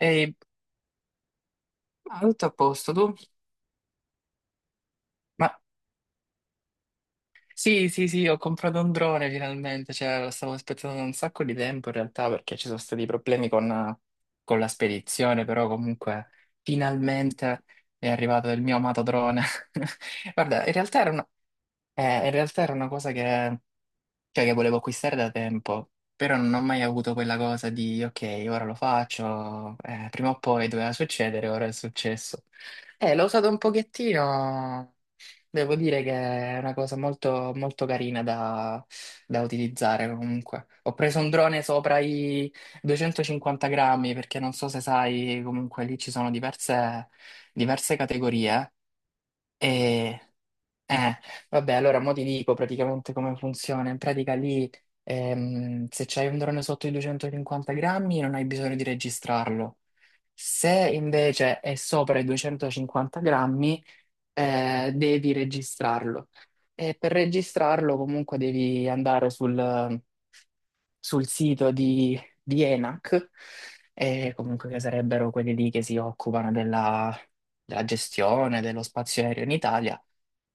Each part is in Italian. Ehi, tutto a posto tu? Ma sì, sì, sì, ho comprato un drone finalmente, cioè lo stavo aspettando da un sacco di tempo in realtà perché ci sono stati problemi con la spedizione, però comunque finalmente è arrivato il mio amato drone. Guarda, in realtà era una cosa cioè, che volevo acquistare da tempo, però non ho mai avuto quella cosa di ok, ora lo faccio, prima o poi doveva succedere, ora è successo. L'ho usato un pochettino. Devo dire che è una cosa molto, molto carina da utilizzare comunque. Ho preso un drone sopra i 250 grammi perché non so se sai, comunque lì ci sono diverse categorie. E eh, allora mo ti dico praticamente come funziona. In pratica lì se c'hai un drone sotto i 250 grammi non hai bisogno di registrarlo. Se invece è sopra i 250 grammi devi registrarlo. E per registrarlo comunque devi andare sul sito di ENAC, comunque che sarebbero quelli lì che si occupano della gestione dello spazio aereo in Italia,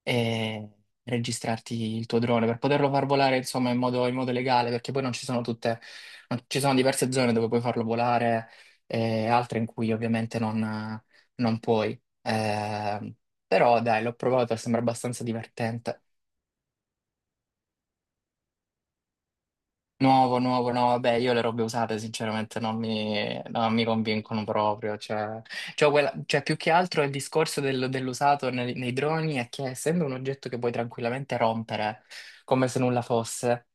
e registrarti il tuo drone per poterlo far volare, insomma, in in modo legale, perché poi non ci sono tutte, non- ci sono diverse zone dove puoi farlo volare e altre in cui ovviamente non puoi. Però dai, l'ho provato e sembra abbastanza divertente. Nuovo, nuovo, no, vabbè, io le robe usate sinceramente non mi convincono proprio, cioè, più che altro il discorso dell'usato nei droni è che essendo un oggetto che puoi tranquillamente rompere come se nulla fosse,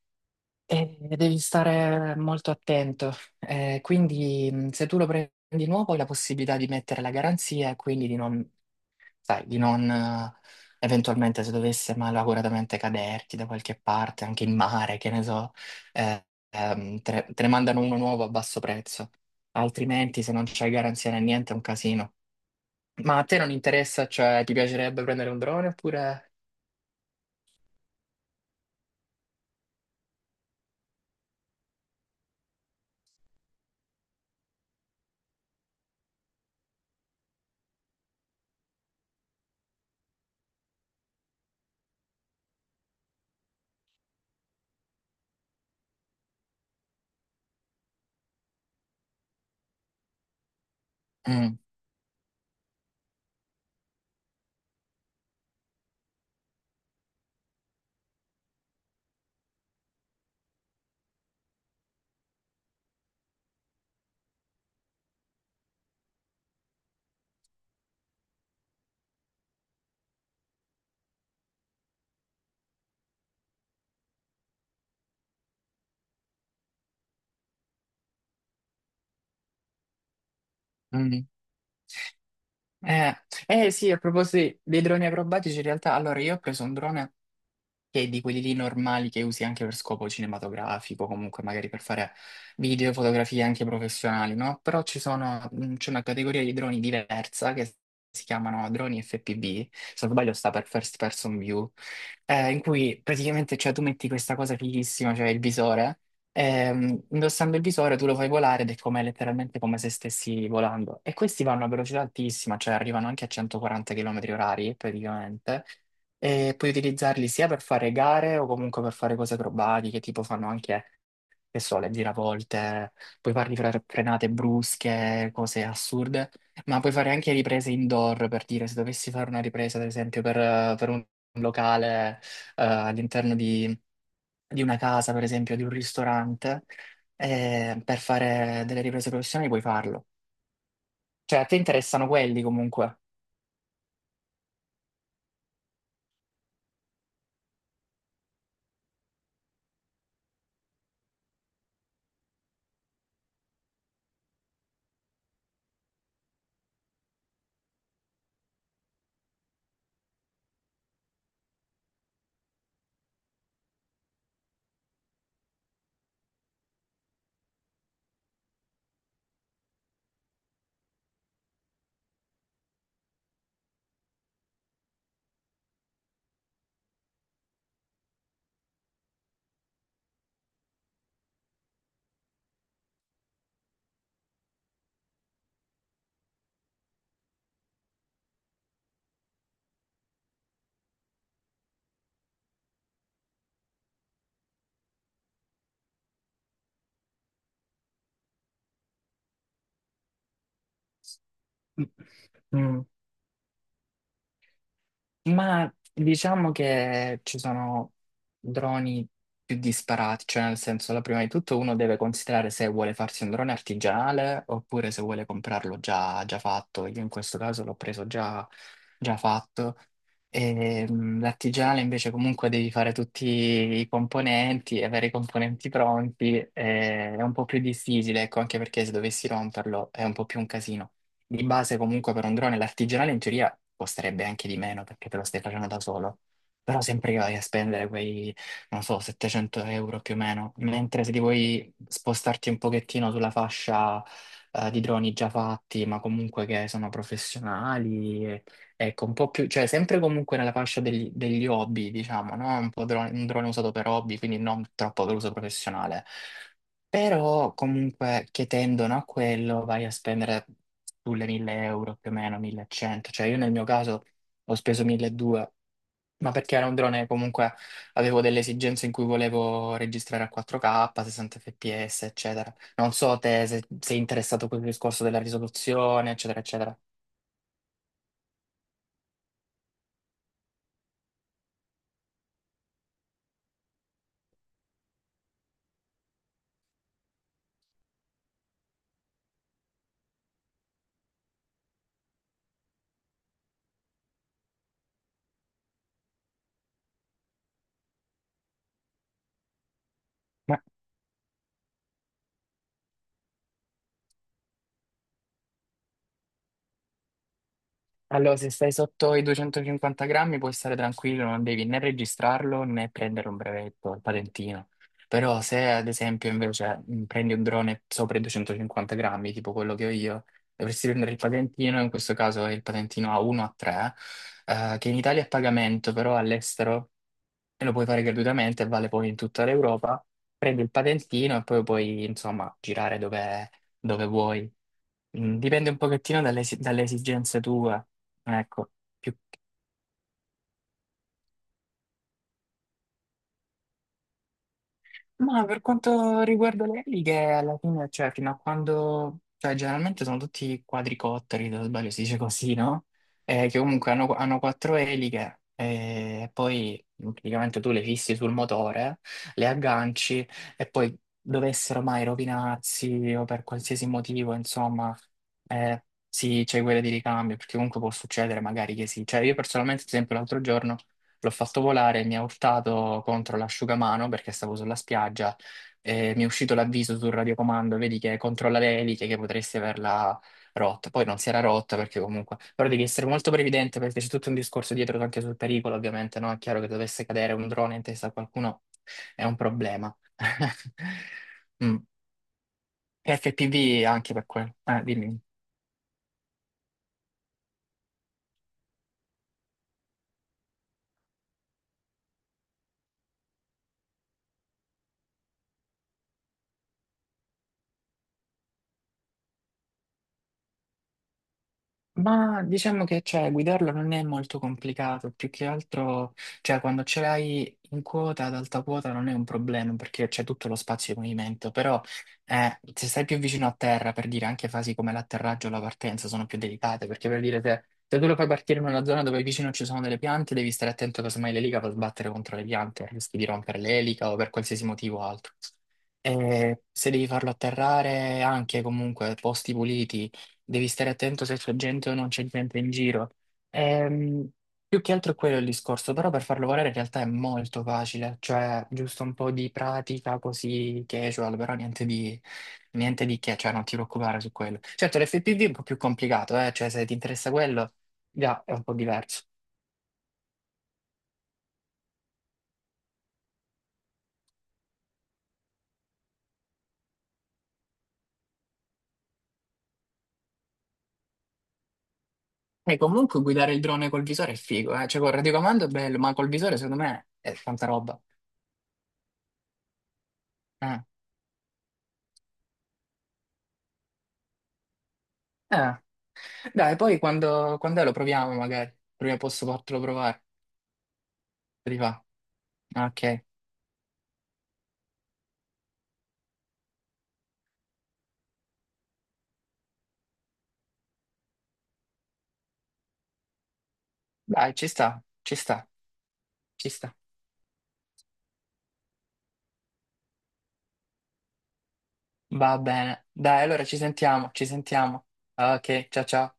devi stare molto attento. Quindi se tu lo prendi nuovo hai la possibilità di mettere la garanzia e quindi di non, eventualmente se dovesse malauguratamente caderti da qualche parte, anche in mare, che ne so, te ne mandano uno nuovo a basso prezzo. Altrimenti, se non c'hai garanzia né niente, è un casino. Ma a te non interessa, cioè ti piacerebbe prendere un drone oppure... Mm, mm. Eh, eh, sì, a proposito dei droni acrobatici, in realtà, allora io ho preso un drone che di quelli lì normali che usi anche per scopo cinematografico, comunque magari per fare video, fotografie anche professionali, no? Però ci sono, c'è una categoria di droni diversa che si chiamano droni FPV, se non sbaglio sta per First Person View, in cui praticamente cioè, tu metti questa cosa fighissima, cioè il visore, indossando il visore tu lo fai volare ed è come, letteralmente come se stessi volando. E questi vanno a velocità altissima, cioè arrivano anche a 140 km orari praticamente e puoi utilizzarli sia per fare gare o comunque per fare cose acrobatiche, tipo fanno anche, che so, le giravolte, puoi farli fra frenate brusche, cose assurde, ma puoi fare anche riprese indoor, per dire, se dovessi fare una ripresa, ad esempio, per un locale, all'interno di una casa, per esempio, di un ristorante, per fare delle riprese professionali puoi farlo. Cioè, a te interessano quelli comunque. Mm. Ma diciamo che ci sono droni più disparati, cioè nel senso, la prima di tutto uno deve considerare se vuole farsi un drone artigianale oppure se vuole comprarlo già fatto. Io in questo caso l'ho preso già fatto. E, l'artigianale invece comunque devi fare tutti i componenti, avere i componenti pronti, è un po' più difficile, ecco, anche perché se dovessi romperlo è un po' più un casino. Di base comunque per un drone l'artigianale in teoria costerebbe anche di meno perché te lo stai facendo da solo, però sempre che vai a spendere non so, 700 euro più o meno, mentre se ti vuoi spostarti un pochettino sulla fascia di droni già fatti, ma comunque che sono professionali, ecco, un po' più, cioè sempre comunque nella fascia degli hobby, diciamo, no? Un po' un drone usato per hobby, quindi non troppo per uso professionale. Però comunque che tendono a quello vai a spendere sulle 1000 euro più o meno, 1100. Cioè io nel mio caso ho speso 1200, ma perché era un drone comunque avevo delle esigenze in cui volevo registrare a 4K, 60 fps, eccetera. Non so te se sei interessato a quel discorso della risoluzione, eccetera, eccetera. Allora, se stai sotto i 250 grammi puoi stare tranquillo, non devi né registrarlo né prendere un brevetto, il patentino. Però se ad esempio invece prendi un drone sopra i 250 grammi, tipo quello che ho io, dovresti prendere il patentino, in questo caso è il patentino A1 A3, che in Italia è a pagamento, però all'estero lo puoi fare gratuitamente, vale poi in tutta l'Europa. Prendi il patentino e poi puoi, insomma, girare dove vuoi. Mm, dipende un pochettino dalle esigenze tue, ecco, più. Ma per quanto riguarda le eliche, alla fine, cioè, fino a quando, cioè, generalmente sono tutti quadricotteri, se non sbaglio si dice così, no? Che comunque hanno quattro eliche, e poi praticamente tu le fissi sul motore, le agganci, e poi dovessero mai rovinarsi o per qualsiasi motivo, insomma, sì, c'è quella di ricambio, perché comunque può succedere magari che sì. Cioè, io personalmente, ad esempio, l'altro giorno l'ho fatto volare, mi ha urtato contro l'asciugamano perché stavo sulla spiaggia e mi è uscito l'avviso sul radiocomando, vedi che controlla le eliche che potresti averla rotta. Poi non si era rotta perché comunque... Però devi essere molto previdente perché c'è tutto un discorso dietro anche sul pericolo, ovviamente, no? È chiaro che dovesse cadere un drone in testa a qualcuno è un problema. Mm. FPV anche per quello. Dimmi. Ma diciamo che cioè, guidarlo non è molto complicato, più che altro cioè, quando ce l'hai in quota, ad alta quota non è un problema perché c'è tutto lo spazio di movimento, però se stai più vicino a terra, per dire anche fasi come l'atterraggio o la partenza sono più delicate, perché per dire se tu lo fai partire in una zona dove vicino ci sono delle piante, devi stare attento che casomai l'elica va a sbattere contro le piante, rischi di rompere l'elica o per qualsiasi motivo altro. E se devi farlo atterrare anche comunque posti puliti, devi stare attento se c'è gente o non c'è gente in giro. Ehm, più che altro è quello il discorso, però per farlo volare in realtà è molto facile, cioè giusto un po' di pratica così casual, però niente di che, cioè non ti preoccupare su quello. Certo, l'FPV è un po' più complicato, cioè se ti interessa quello, già è un po' diverso. E comunque guidare il drone col visore è figo, cioè col radiocomando è bello, ma col visore secondo me è tanta roba. Eh. Eh. Dai, poi quando è lo proviamo magari. Prima posso fartelo provare. Se ti va? Ok. Dai, ci sta, ci sta, ci sta. Va bene. Dai, allora ci sentiamo, ci sentiamo. Ok, ciao ciao.